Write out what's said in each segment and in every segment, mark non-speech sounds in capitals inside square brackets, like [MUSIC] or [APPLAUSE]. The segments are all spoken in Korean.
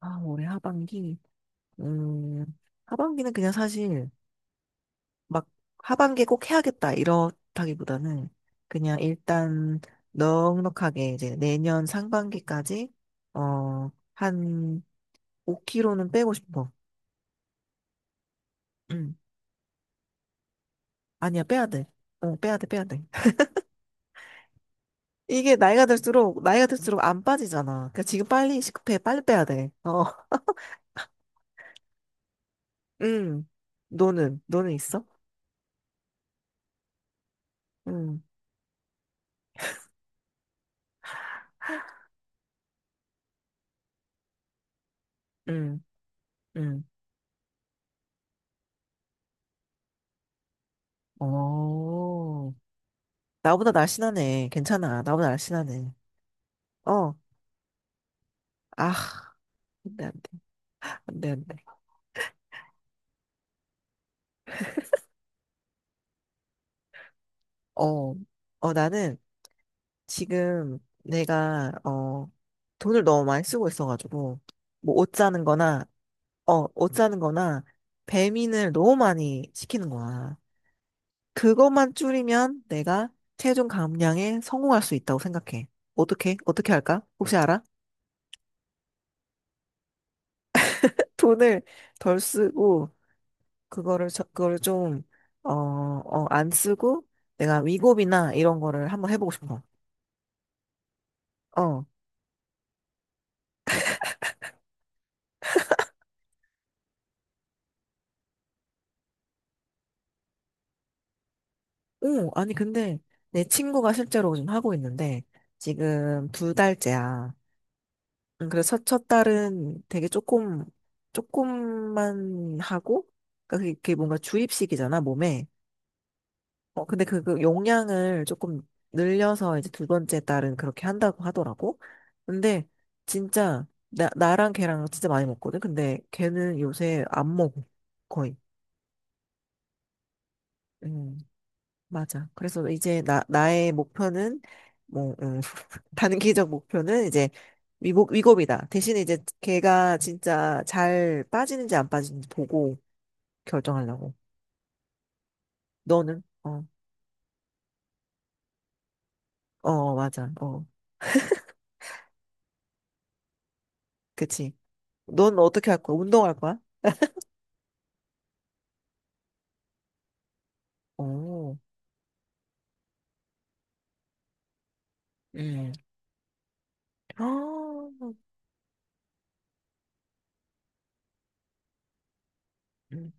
아, 올해 하반기? 음, 하반기는 그냥 사실 막 하반기에 꼭 해야겠다 이렇다기보다는 그냥 일단 넉넉하게 이제 내년 상반기까지 한 5kg는 빼고 싶어. 음, 아니야, 빼야 돼. 빼야 돼, 빼야 돼. [LAUGHS] 이게 나이가 들수록, 나이가 들수록 안 빠지잖아. 그러니까 지금 빨리 시급해, 빨리 빼야 돼. [LAUGHS] 음, 너는 있어? 응. 응. 응. 어. 나보다 날씬하네. 괜찮아. 나보다 날씬하네. 어, 아, 안 돼, 안 돼. 안 돼, 안 돼. 어, 나는 지금 내가, 어, 돈을 너무 많이 쓰고 있어가지고, 뭐, 옷 사는 거나, 옷 사는 거나, 배민을 너무 많이 시키는 거야. 그것만 줄이면 내가 체중 감량에 성공할 수 있다고 생각해. 어떻게? 어떻게 할까? 혹시 알아? 돈을 덜 쓰고, 그거를 좀 안 쓰고 내가 위급이나 이런 거를 한번 해보고 싶어. 어. 오, 아니 근데 내 친구가 실제로 지금 하고 있는데 지금 두 달째야. 그래서 첫 달은 되게 조금만 하고 그러니까 그게 뭔가 주입식이잖아 몸에. 어, 근데 그 용량을 조금 늘려서 이제 두 번째 딸은 그렇게 한다고 하더라고. 근데 진짜 나랑 걔랑 진짜 많이 먹거든. 근데 걔는 요새 안 먹어. 거의. 음, 맞아. 그래서 이제 나의 목표는 뭐, [LAUGHS] 단기적 목표는 이제 위급이다. 대신에 이제 걔가 진짜 잘 빠지는지 안 빠지는지 보고 결정하려고. 너는? 어, 맞아. 어, 그치. 넌 어떻게 할 거야? 운동할 거야? 어. 음. 아, 음,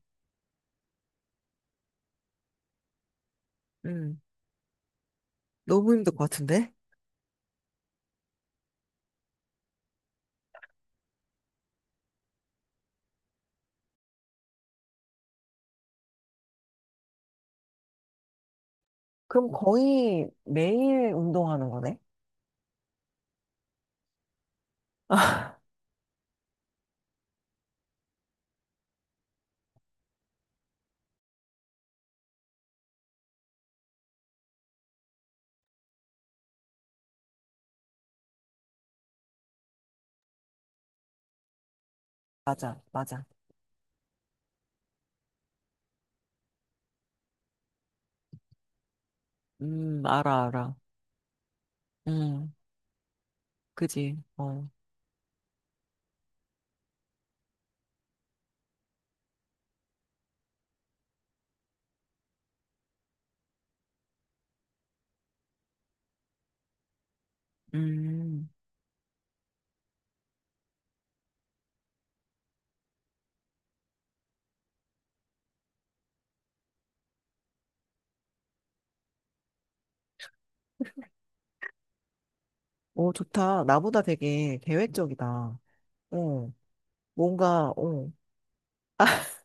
음. 너무 힘들 것 같은데? 그럼 거의 매일 운동하는 거네? [LAUGHS] 맞아, 맞아. 알아, 알아. 음, 그지. 어. 음. 오, 좋다. 나보다 되게 계획적이다. 어, 뭔가, 어, [LAUGHS]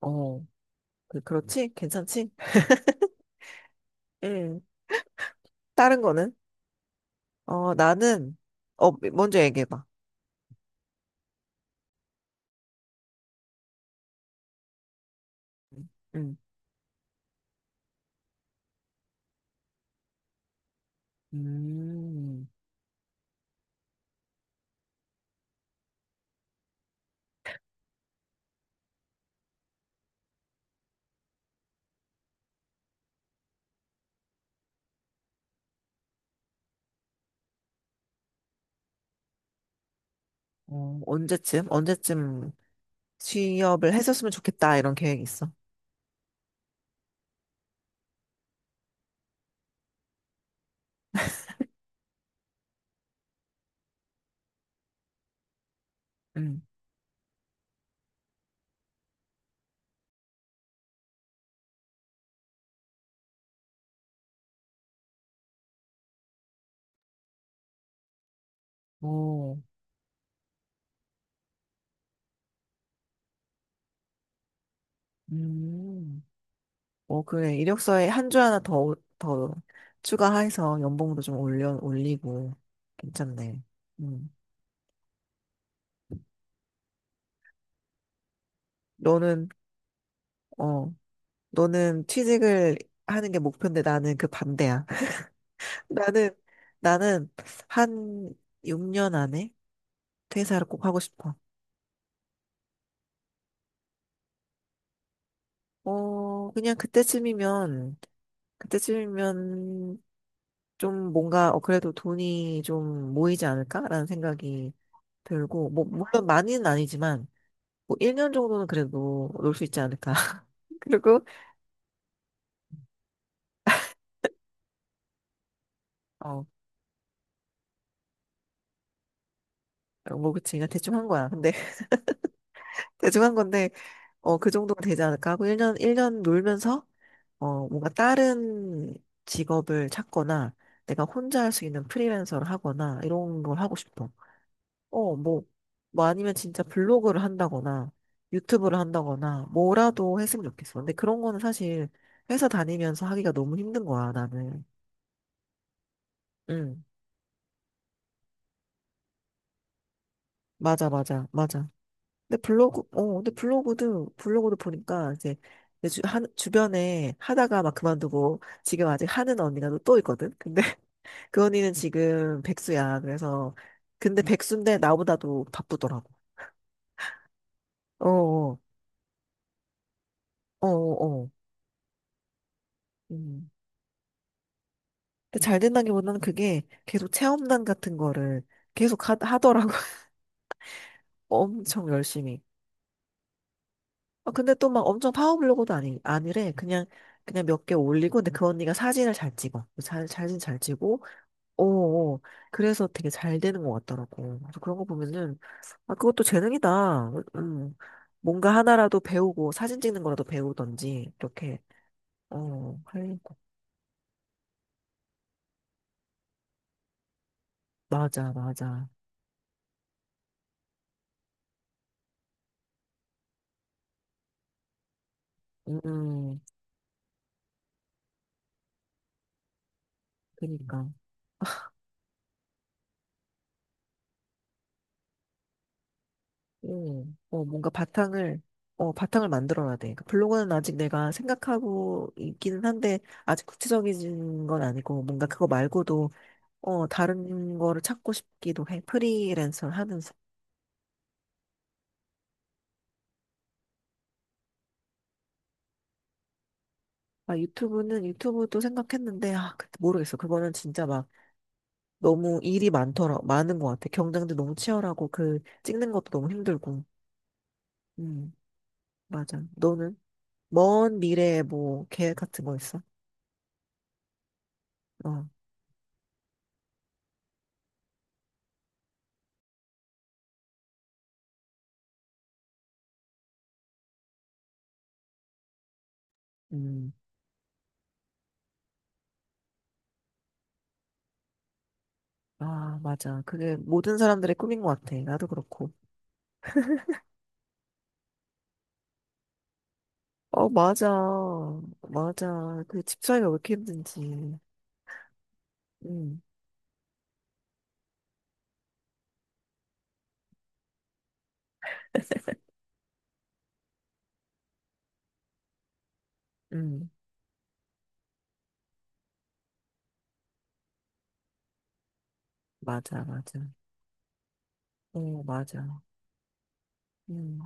어, 그렇지? 괜찮지? 응. 다른 거는? 어, 나는, 먼저 얘기해봐. 응. 음, 어, 언제쯤? 언제쯤 취업을 했었으면 좋겠다 이런 계획이 있어. 응. 오, 음, 어 그래, 이력서에 한 줄 하나 더 추가해서 연봉도 좀 올려 올리고 괜찮네. 음. 너는 어 너는 취직을 하는 게 목표인데 나는 그 반대야. [LAUGHS] 나는 나는 한 6년 안에 퇴사를 꼭 하고 싶어. 어 그냥 그때쯤이면 좀 뭔가 어 그래도 돈이 좀 모이지 않을까라는 생각이 들고, 뭐 물론 많이는 아니지만 뭐 1년 정도는 그래도 놀 수 있지 않을까. [LAUGHS] 그리고 어뭐 그치, 그냥 대충 한 거야. 근데 [LAUGHS] 대충 한 건데 어 그 정도는 되지 않을까 하고 1년 일 년 놀면서 어 뭔가 다른 직업을 찾거나 내가 혼자 할 수 있는 프리랜서를 하거나 이런 걸 하고 싶어. 어, 뭐 아니면 진짜 블로그를 한다거나 유튜브를 한다거나 뭐라도 했으면 좋겠어. 근데 그런 거는 사실 회사 다니면서 하기가 너무 힘든 거야, 나는. 응, 맞아. 근데 근데 블로그도 보니까 이제 주변에 하다가 막 그만두고 지금 아직 하는 언니가 또또 있거든? 근데 [LAUGHS] 그 언니는 지금 백수야. 그래서 근데 백수인데 나보다도 바쁘더라고. 어, 어, 어, 어. 어. 음. 근데 잘 된다기보다는 그게 계속 체험단 같은 거를 계속 하더라고. [LAUGHS] 엄청 열심히. 아, 근데 또 막 엄청 파워블로거도 아니, 아니래. 그냥 몇 개 올리고, 근데 그 언니가 사진을 잘 찍어. 사진 잘 찍고, 오, 오. 그래서 되게 잘 되는 것 같더라고. 그래서 그런 거 보면은, 아, 그것도 재능이다. 음. 뭔가 하나라도 배우고, 사진 찍는 거라도 배우던지, 이렇게, 어, 할, 맞아, 맞아. 음, 음. 그니까. 뭔가 바탕을 만들어야 돼. 그 블로그는 아직 내가 생각하고 있기는 한데, 아직 구체적인 건 아니고, 뭔가 그거 말고도, 어, 다른 거를 찾고 싶기도 해. 프리랜서를 하면서. 아, 유튜브도 생각했는데, 아, 모르겠어. 그거는 진짜 막, 너무 일이 많은 것 같아. 경쟁도 너무 치열하고, 그, 찍는 것도 너무 힘들고. 음, 맞아. 너는? 먼 미래에 뭐, 계획 같은 거 있어? 어, 음. 아, 맞아. 그게 모든 사람들의 꿈인 것 같아. 나도 그렇고. 어, 맞아. 맞아. 그 집사이가 왜 이렇게 힘든지. 응, [LAUGHS] 응. 맞아, 맞아. 어, 맞아. 응,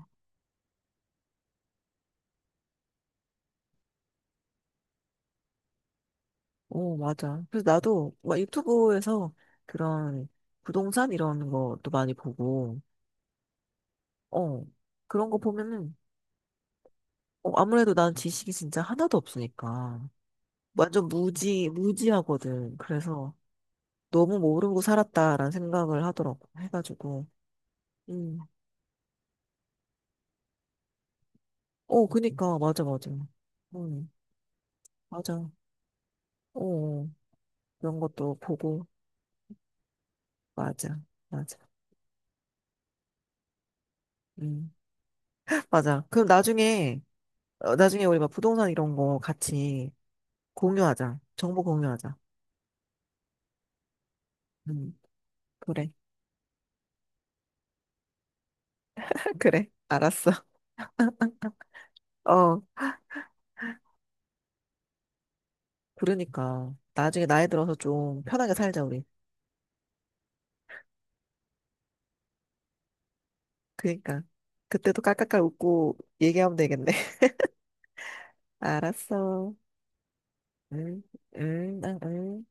어, 맞아. 그래서 나도 막 유튜브에서 그런 부동산 이런 것도 많이 보고, 어, 그런 거 보면은, 어, 아무래도 난 지식이 진짜 하나도 없으니까. 완전 무지하거든. 그래서 너무 모르고 살았다라는 생각을 하더라고. 해가지고. 음. 어, 그니까, 맞아, 맞아. 음, 맞아. 어, 어. 그런 것도 보고, 맞아, 맞아. 음, 맞아. 그럼 나중에, 어, 나중에 우리 막 부동산 이런 거 같이 공유하자. 정보 공유하자. 음, 그래. [LAUGHS] 그래. 알았어. 어, 그러니까. 나중에 나이 들어서 좀 편하게 살자, 우리. 그니까. 그때도 깔깔깔 웃고 얘기하면 되겠네. [LAUGHS] 알았어. 응, 응, 응. 응.